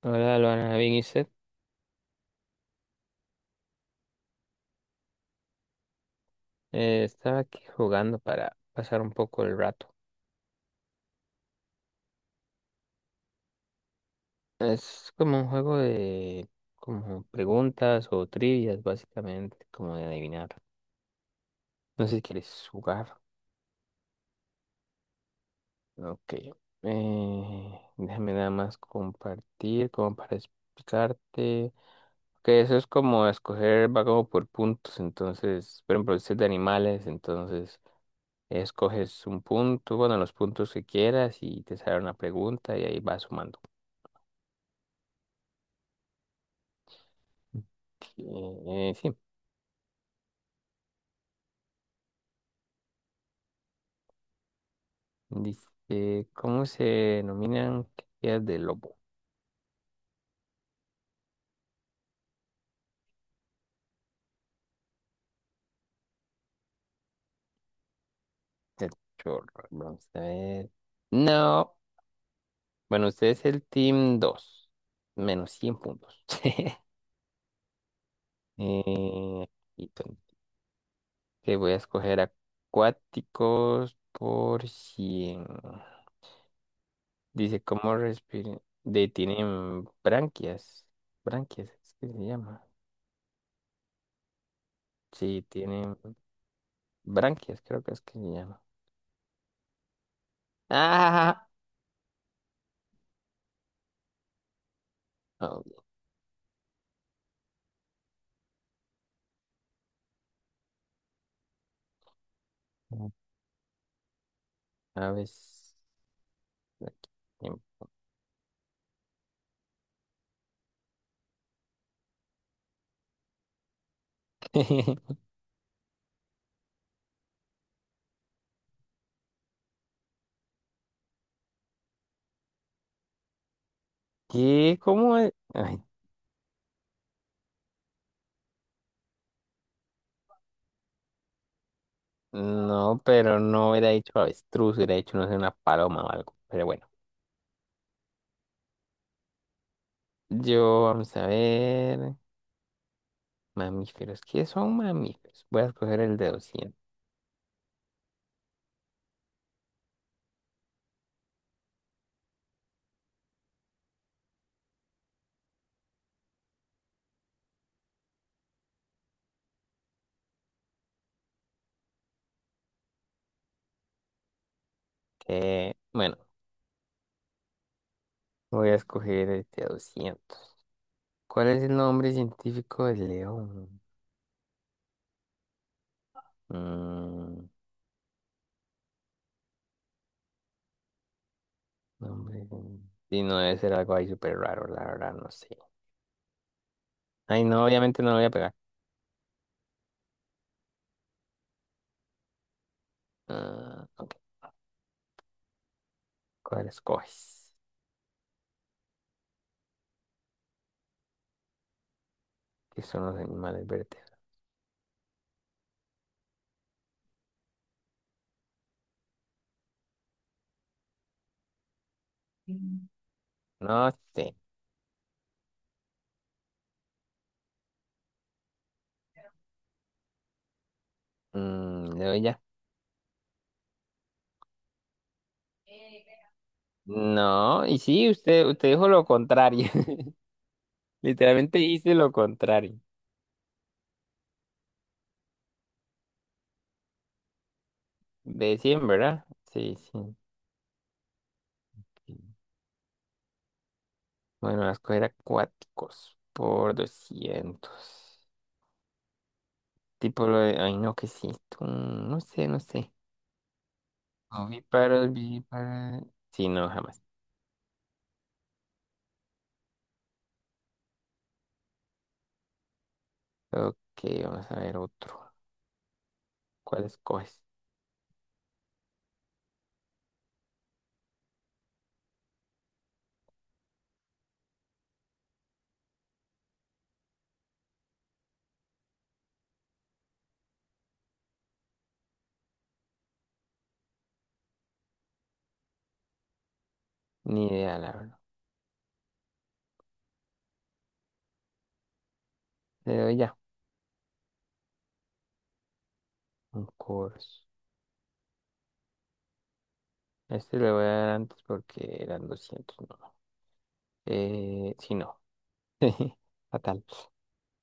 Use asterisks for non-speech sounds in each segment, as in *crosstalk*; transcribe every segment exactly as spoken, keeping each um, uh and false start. Hola, Luana, bien, ¿y usted? Eh, estaba aquí jugando para pasar un poco el rato. Es como un juego de como preguntas o trivias, básicamente, como de adivinar. No sé si quieres jugar. Ok. Eh, déjame nada más compartir, como para explicarte. Que eso es como escoger, va como por puntos. Entonces, por ejemplo, usted es de animales, entonces escoges un punto, bueno, los puntos que quieras y te sale una pregunta y ahí vas sumando. Eh, sí, dice, ¿cómo se denominan crías de lobo? El chorro, vamos a ver. No, bueno, usted es el team dos, menos cien puntos. *laughs* Eh, y ton- que voy a escoger acuáticos por cien. Dice, ¿cómo respiran? De, tienen branquias, branquias, es que se llama. Sí, tienen branquias, creo que es que se llama. *laughs* Ah, oh, a aves. *laughs* ¿Qué? ¿Cómo es? Ay, no, pero no hubiera dicho avestruz, hubiera dicho, no sé, una paloma o algo. Pero bueno, yo vamos a ver. Mamíferos. ¿Qué son mamíferos? Voy a escoger el de doscientos. Eh, bueno, voy a escoger el de doscientos. ¿Cuál es el nombre científico del león? Mm, nombre. Y no debe ser algo ahí súper raro, la verdad, no sé. Ay, no, obviamente no lo voy a pegar. Ah, ok. ¿Cuál escoges? ¿Qué son los animales vertebrados? Mm. No sé. Mm, no, ya. No, y sí, usted, usted dijo lo contrario. *laughs* Literalmente hice lo contrario. De cien, ¿verdad? Sí, sí. Bueno, voy a escoger acuáticos por doscientos. Tipo lo de... Ay, no, ¿qué es esto? Mm, No sé, no sé. Ovíparos, vivíparos... Sí, no, jamás. Ok, vamos a ver otro. ¿Cuál escoges? Ni idea, la verdad. Le doy ya. Un course. Este le voy a dar antes porque eran doscientos. No. Eh, sí, no. *laughs* Fatal.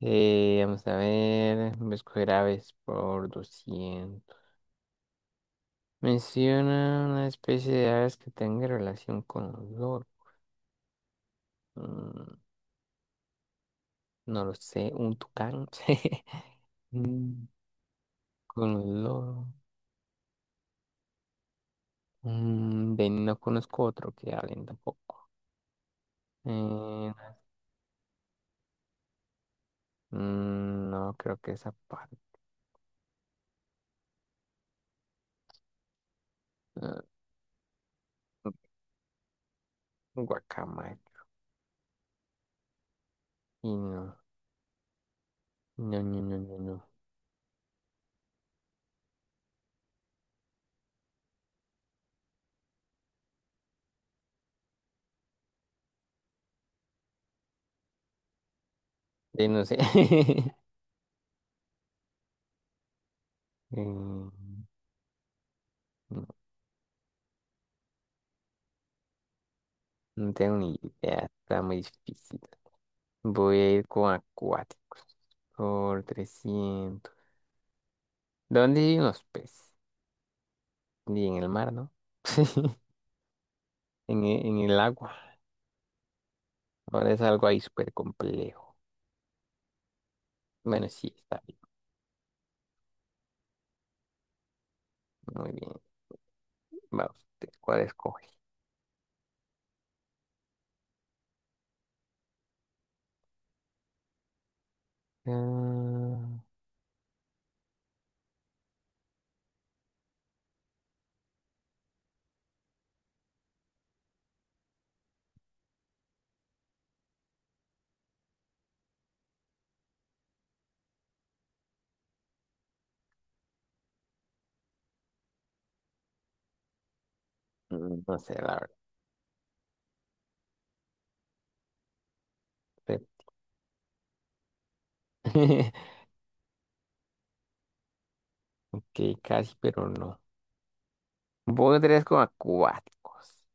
Eh, vamos a ver. Voy a escoger aves por doscientos. Menciona una especie de aves que tenga relación con olor. Mm, no lo sé. Un tucán. *laughs* Mm, con olor. Mm, de- no conozco otro que hablen tampoco. Eh, mm, no creo que esa parte. Guacamaya. Y no, no, no, no, no, no. De no sé. *laughs* Mm, no, no tengo ni idea, está muy difícil. Voy a ir con acuáticos. Por trescientos. ¿Dónde viven los peces? Ni en el mar, ¿no? *laughs* En, e- en el agua. Ahora es algo ahí súper complejo. Bueno, sí, está bien. Muy bien. Va usted, ¿cuál escoge? Ah, mm, no sé, la verdad. *laughs* Que casi, pero no. Voy otra vez con acuáticos.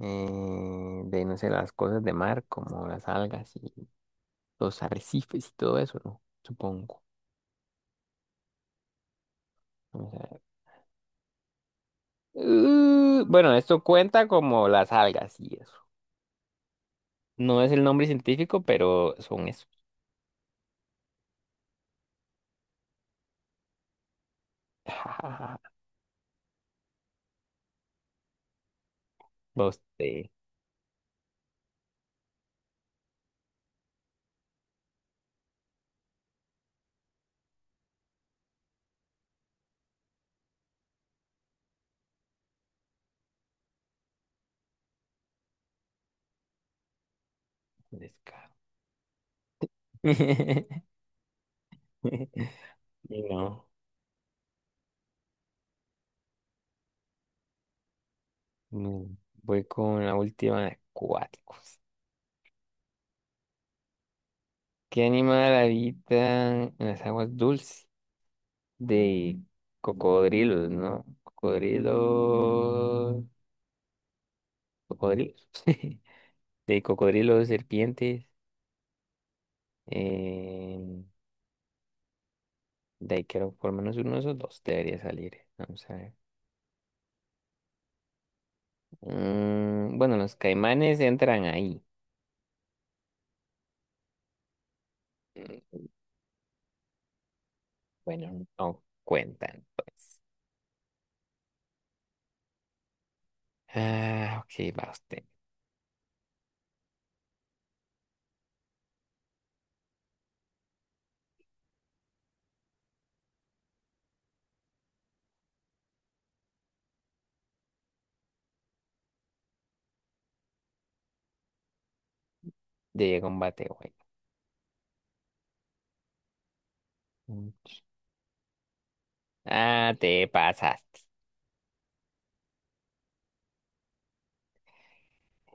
eh, de, no sé, las cosas de mar, como las algas y los arrecifes y todo eso, ¿no? Supongo. Vamos a ver. Uh, bueno, esto cuenta como las algas y eso. No es el nombre científico, pero son eso. *laughs* Vos te descaro. *laughs* Y no, no. Voy con la última de acuáticos. ¿Qué animal habita en las aguas dulces? De cocodrilos, ¿no? Cocodrilos. Cocodrilos. *laughs* De cocodrilos, serpientes. eh, de ahí creo por lo menos uno de esos dos debería salir. Vamos a ver. Mm, bueno, los caimanes entran ahí. Mm, bueno, no cuentan, pues. Ah, ok, va usted. De combate, güey. Mm. Ah, te pasaste.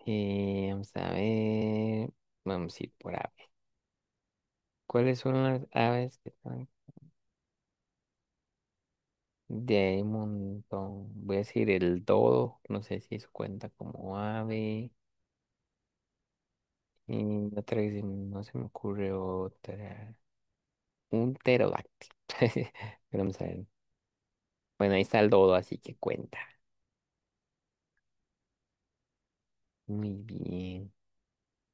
Eh, vamos a ver. Vamos a ir por aves. ¿Cuáles son las aves que están? De ahí un montón. Voy a decir el dodo. No sé si eso cuenta como ave. Y otra que se- no se me ocurre otra. Un pterodáctilo. *laughs* Pero vamos a ver. Bueno, ahí está el dodo, así que cuenta. Muy bien.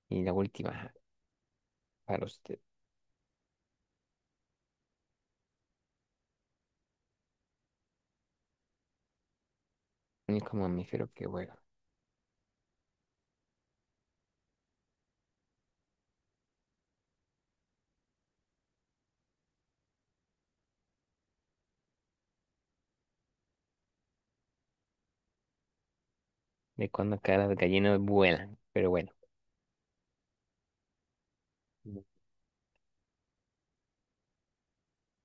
Y la última, ajá, para usted. Único mamífero que vuela. De cuando acá las gallinas vuelan. Pero bueno.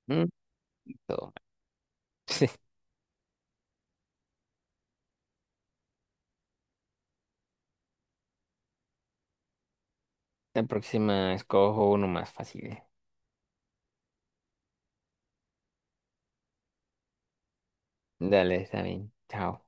Mm, todo mal. *laughs* La próxima escojo uno más fácil. Dale, está bien. Chao.